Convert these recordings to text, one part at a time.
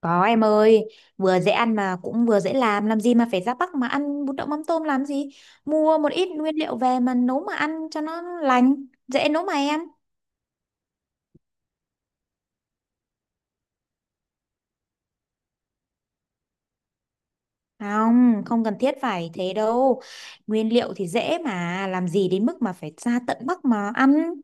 Có em ơi, vừa dễ ăn mà cũng vừa dễ làm gì mà phải ra Bắc mà ăn bún đậu mắm tôm làm gì? Mua một ít nguyên liệu về mà nấu mà ăn cho nó lành, dễ nấu mà em. Không, không cần thiết phải thế đâu. Nguyên liệu thì dễ mà, làm gì đến mức mà phải ra tận Bắc mà ăn.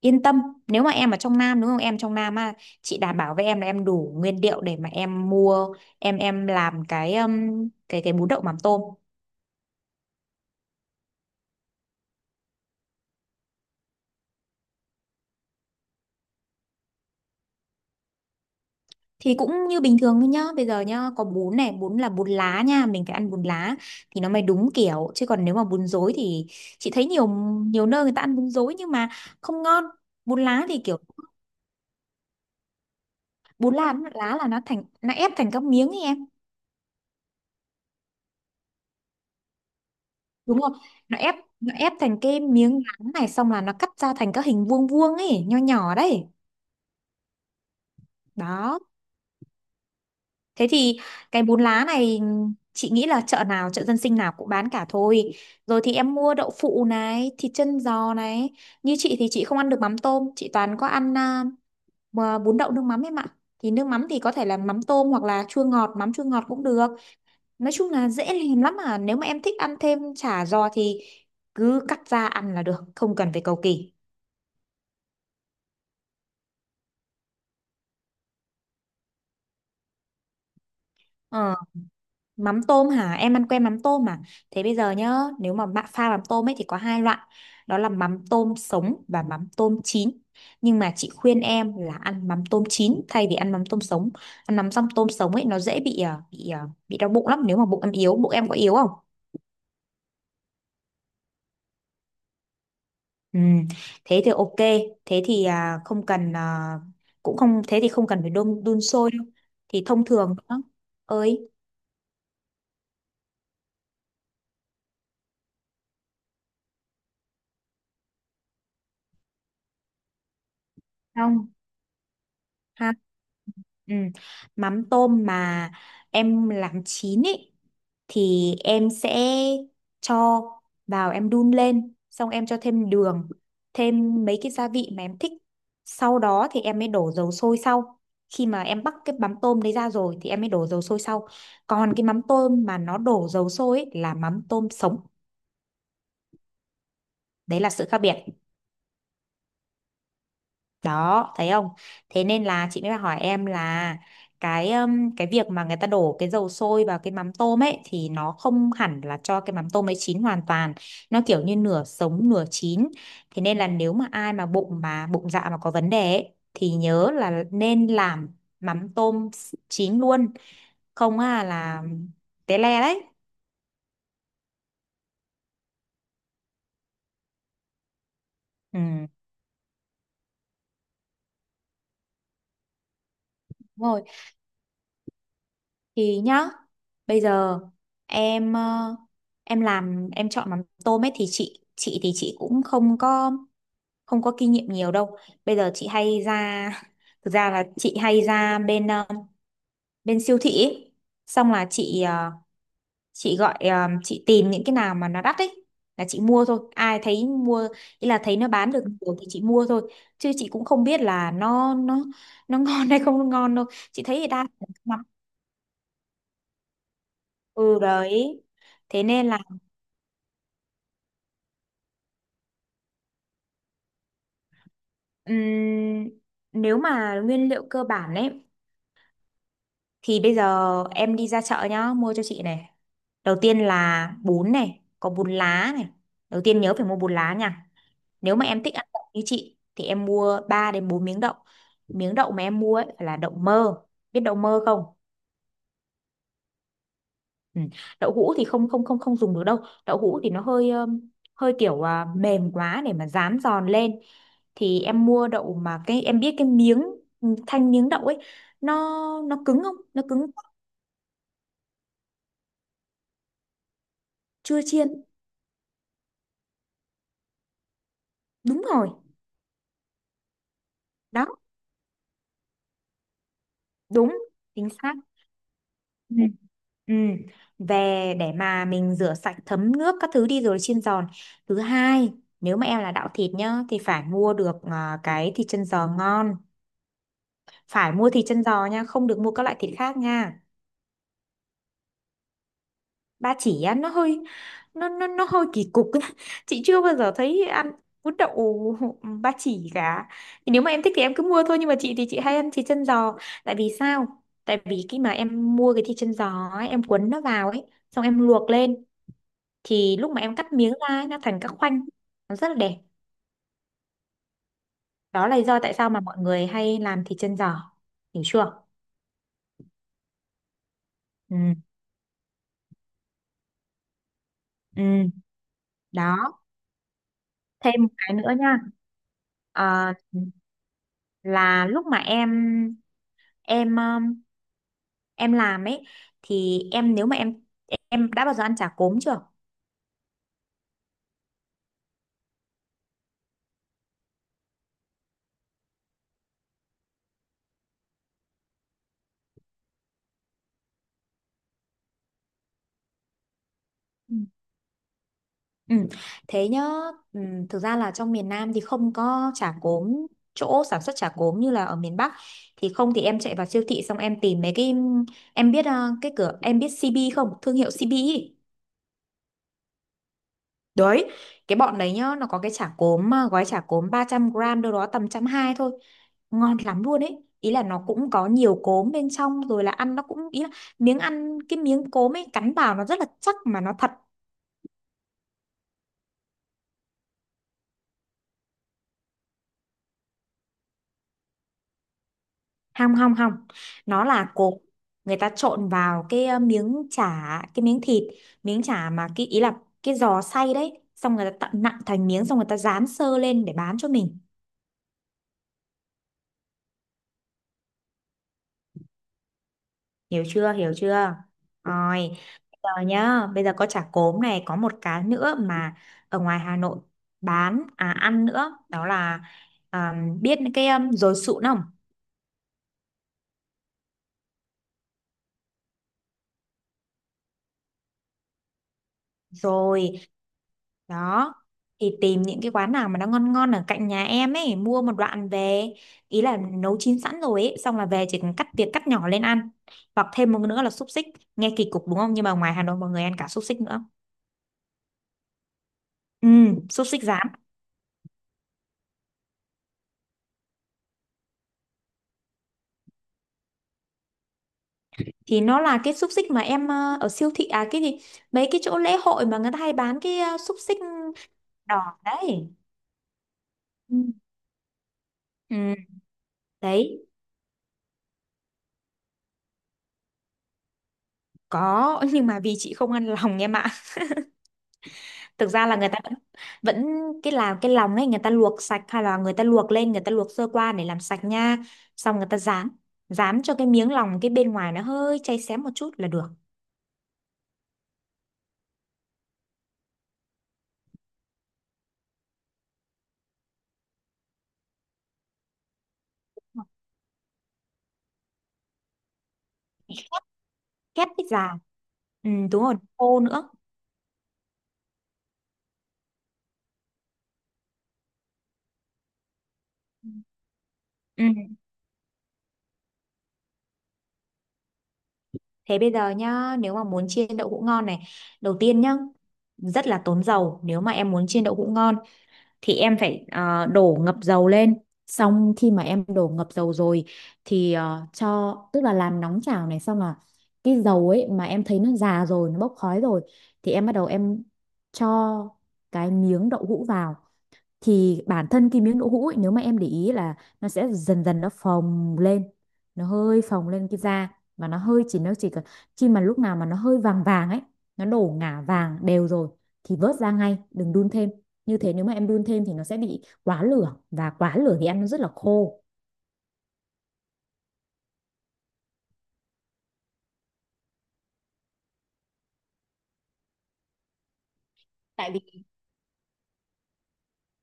Yên tâm, nếu mà em ở trong Nam đúng không? Em trong Nam á, chị đảm bảo với em là em đủ nguyên liệu để mà em mua, em làm cái bún đậu mắm tôm. Thì cũng như bình thường thôi nhá, bây giờ nhá, có bún này, bún là bún lá nha, mình phải ăn bún lá thì nó mới đúng kiểu. Chứ còn nếu mà bún rối thì chị thấy nhiều nhiều nơi người ta ăn bún rối nhưng mà không ngon. Bún lá thì kiểu bún lá lá là nó thành nó ép thành các miếng ấy em, đúng không? Nó ép thành cái miếng lá này, xong là nó cắt ra thành các hình vuông vuông ấy, nho nhỏ đấy. Đó. Thế thì cái bún lá này, chị nghĩ là chợ nào, chợ dân sinh nào cũng bán cả thôi. Rồi thì em mua đậu phụ này, thịt chân giò này. Như chị thì chị không ăn được mắm tôm, chị toàn có ăn mà bún đậu nước mắm em ạ. Thì nước mắm thì có thể là mắm tôm hoặc là chua ngọt, mắm chua ngọt cũng được. Nói chung là dễ làm lắm à. Nếu mà em thích ăn thêm chả giò thì cứ cắt ra ăn là được, không cần phải cầu kỳ. Ờ. Mắm tôm hả? Em ăn quen mắm tôm mà. Thế bây giờ nhá, nếu mà bạn pha mắm tôm ấy thì có hai loại. Đó là mắm tôm sống và mắm tôm chín. Nhưng mà chị khuyên em là ăn mắm tôm chín thay vì ăn mắm tôm sống. Ăn mắm xong tôm sống ấy nó dễ bị đau bụng lắm, nếu mà bụng em yếu, bụng em có yếu không? Ừ. Thế thì ok, thế thì không cần cũng không, thế thì không cần phải đun đun sôi đâu. Thì thông thường đó. Ơi, không ha, ừ. Mắm tôm mà em làm chín ý thì em sẽ cho vào, em đun lên, xong em cho thêm đường, thêm mấy cái gia vị mà em thích, sau đó thì em mới đổ dầu sôi. Sau khi mà em bắc cái mắm tôm đấy ra rồi thì em mới đổ dầu sôi sau. Còn cái mắm tôm mà nó đổ dầu sôi ý, là mắm tôm sống. Đấy là sự khác biệt đó, thấy không? Thế nên là chị mới hỏi em là cái việc mà người ta đổ cái dầu sôi vào cái mắm tôm ấy thì nó không hẳn là cho cái mắm tôm ấy chín hoàn toàn, nó kiểu như nửa sống nửa chín. Thế nên là nếu mà ai mà bụng dạ mà có vấn đề ấy, thì nhớ là nên làm mắm tôm chín luôn, không à là té le đấy. Ừ. Đúng rồi. Thì nhá, bây giờ em em làm em chọn mắm tôm ấy thì chị thì chị cũng không có kinh nghiệm nhiều đâu. Bây giờ chị hay ra thực ra là chị hay ra bên siêu thị ấy. Xong là chị ờ, chị gọi ờ, chị tìm những cái nào mà nó đắt ấy là chị mua thôi. Ai thấy mua, ý là thấy nó bán được nhiều thì chị mua thôi. Chứ chị cũng không biết là nó nó ngon hay không ngon đâu. Chị thấy thì đa phần mắm, ừ đấy thế nên, Ừm, nếu mà nguyên liệu cơ bản ấy thì bây giờ em đi ra chợ nhá, mua cho chị này. Đầu tiên là bún này, có bún lá này. Đầu tiên nhớ phải mua bún lá nha. Nếu mà em thích ăn đậu như chị thì em mua 3 đến 4 miếng đậu. Miếng đậu mà em mua ấy phải là đậu mơ. Biết đậu mơ không? Ừ. Đậu hũ thì không không không không dùng được đâu. Đậu hũ thì nó hơi hơi kiểu mềm quá để mà rán giòn lên. Thì em mua đậu mà cái em biết cái miếng thanh miếng đậu ấy nó nó cứng không? Nó cứng. Chưa chiên. Đúng rồi. Đó, đúng, chính xác. Ừ. Ừ. Về để mà mình rửa sạch thấm nước các thứ đi rồi chiên giòn. Thứ hai, nếu mà em là đạo thịt nhá thì phải mua được cái thịt chân giò ngon, phải mua thịt chân giò nha, không được mua các loại thịt khác nha. Ba chỉ á nó hơi kỳ cục ấy. Chị chưa bao giờ thấy ăn bún đậu ba chỉ cả. Thì nếu mà em thích thì em cứ mua thôi, nhưng mà chị thì chị hay ăn thịt chân giò. Tại vì sao? Tại vì khi mà em mua cái thịt chân giò ấy, em cuốn nó vào ấy xong em luộc lên, thì lúc mà em cắt miếng ra ấy, nó thành các khoanh, nó rất là đẹp. Đó là lý do tại sao mà mọi người hay làm thịt chân giò, hiểu chưa? Ừ. Ừ. Đó. Thêm một cái nữa nha. Ờ, là lúc mà em em um, em làm ấy thì em, nếu mà em đã bao giờ ăn chả cốm chưa? Ừ. Ừ. Thế nhá. Ừ, thực ra là trong miền Nam thì không có chả cốm, chỗ sản xuất chả cốm như là ở miền Bắc thì không. Thì em chạy vào siêu thị xong em tìm mấy cái, em biết cái cửa, em biết CB không, thương hiệu CB ý. Đấy, cái bọn đấy nhá, nó có cái chả cốm, gói chả cốm 300 gram, đâu đó tầm trăm hai thôi. Ngon lắm luôn ấy. Ý là nó cũng có nhiều cốm bên trong rồi, là ăn nó cũng, ý là miếng ăn cái miếng cốm ấy cắn vào nó rất là chắc mà nó thật. Hong hong hong. Nó là cốm, người ta trộn vào cái miếng chả, cái miếng thịt, miếng chả mà cái ý là cái giò xay đấy, xong người ta tận nặn thành miếng, xong người ta rán sơ lên để bán cho mình. Hiểu chưa? Hiểu chưa? Rồi. Bây giờ nhá, bây giờ có chả cốm này, có một cái nữa mà ở ngoài Hà Nội bán à ăn nữa, đó là, à, biết cái dồi sụn không? Rồi. Đó thì tìm những cái quán nào mà nó ngon ngon ở cạnh nhà em ấy, mua một đoạn về. Ý là nấu chín sẵn rồi ấy, xong là về chỉ cần cắt nhỏ lên ăn. Hoặc thêm một nữa là xúc xích. Nghe kỳ cục đúng không? Nhưng mà ngoài Hà Nội mọi người ăn cả xúc xích nữa. Ừ, xúc xích giả thì nó là cái xúc xích mà em ở siêu thị à cái gì, mấy cái chỗ lễ hội mà người ta hay bán cái xúc xích đỏ đấy. Ừ. Ừ, đấy. Có, nhưng mà vì chị không ăn lòng em ạ. Thực ra là người ta vẫn, vẫn cái làm cái lòng ấy, người ta luộc sạch hay là người ta luộc lên, người ta luộc sơ qua để làm sạch nha. Xong người ta rán rán cho cái miếng lòng, cái bên ngoài nó hơi cháy xém một chút là được. Khét cái già. Ừ, đúng rồi, khô nữa. Ừ. Thế bây giờ nhá, nếu mà muốn chiên đậu hũ ngon này, đầu tiên nhá, rất là tốn dầu. Nếu mà em muốn chiên đậu hũ ngon thì em phải đổ ngập dầu lên. Xong khi mà em đổ ngập dầu rồi thì tức là làm nóng chảo này, xong là cái dầu ấy mà em thấy nó già rồi, nó bốc khói rồi thì em bắt đầu em cho cái miếng đậu hũ vào. Thì bản thân cái miếng đỗ hũ ấy, nếu mà em để ý là nó sẽ dần dần nó phồng lên, nó hơi phồng lên cái da, và nó chỉ cần khi mà lúc nào mà nó hơi vàng vàng ấy, nó đổ ngả vàng đều rồi thì vớt ra ngay, đừng đun thêm. Như thế nếu mà em đun thêm thì nó sẽ bị quá lửa, và quá lửa thì ăn nó rất là khô. Tại vì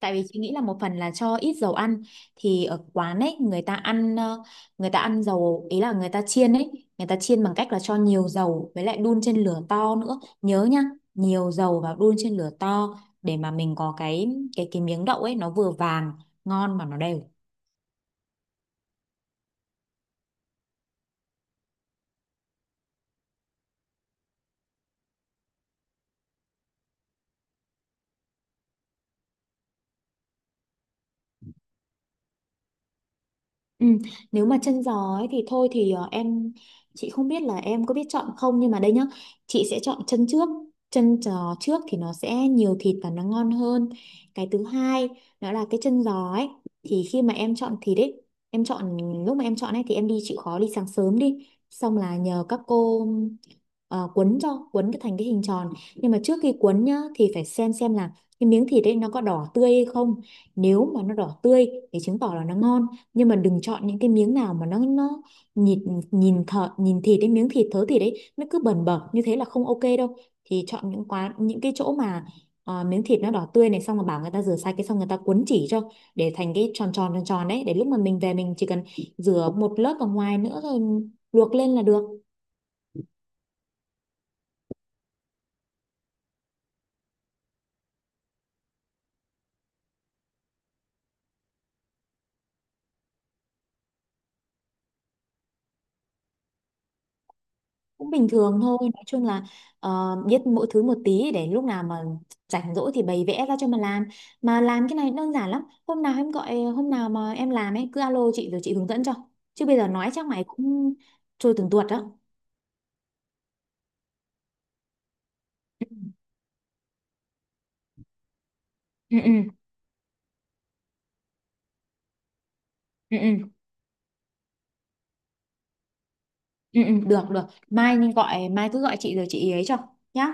Tại vì chị nghĩ là một phần là cho ít dầu ăn, thì ở quán ấy người ta ăn người ta ăn dầu, ý là người ta chiên ấy, người ta chiên bằng cách là cho nhiều dầu với lại đun trên lửa to nữa, nhớ nhá, nhiều dầu và đun trên lửa to để mà mình có cái cái miếng đậu ấy nó vừa vàng ngon mà nó đều. Ừ, nếu mà chân giò ấy thì thôi thì chị không biết là em có biết chọn không, nhưng mà đây nhá, chị sẽ chọn chân trước, chân giò trước thì nó sẽ nhiều thịt và nó ngon hơn. Cái thứ hai, đó là cái chân giò ấy, thì khi mà em chọn thịt ấy, em chọn lúc mà em chọn ấy thì em đi chịu khó đi sáng sớm đi, xong là nhờ các cô cuốn cái thành cái hình tròn. Nhưng mà trước khi cuốn nhá thì phải xem là cái miếng thịt ấy nó có đỏ tươi hay không. Nếu mà nó đỏ tươi thì chứng tỏ là nó ngon. Nhưng mà đừng chọn những cái miếng nào mà nó nhìn nhìn thợ nhìn thịt đấy, miếng thịt thớ thịt đấy nó cứ bẩn bẩn như thế là không ok đâu. Thì chọn những cái chỗ mà miếng thịt nó đỏ tươi này, xong rồi bảo người ta rửa sạch cái, xong người ta cuốn chỉ cho để thành cái tròn tròn tròn tròn đấy, để lúc mà mình về mình chỉ cần rửa một lớp ở ngoài nữa rồi luộc lên là được. Cũng bình thường thôi, nói chung là biết mỗi thứ một tí để lúc nào mà rảnh rỗi thì bày vẽ ra cho mà làm. Mà làm cái này đơn giản lắm, hôm nào mà em làm ấy cứ alo chị rồi chị hướng dẫn cho. Chứ bây giờ nói chắc mày cũng trôi từng tuột đó. Ừ. Ừ. Ừ. Ừ. Ừ. Ừ, ừ, được được, mai nên gọi, mai cứ gọi chị rồi chị ấy cho nhá.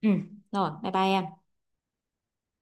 Ừ. Rồi, bye bye em.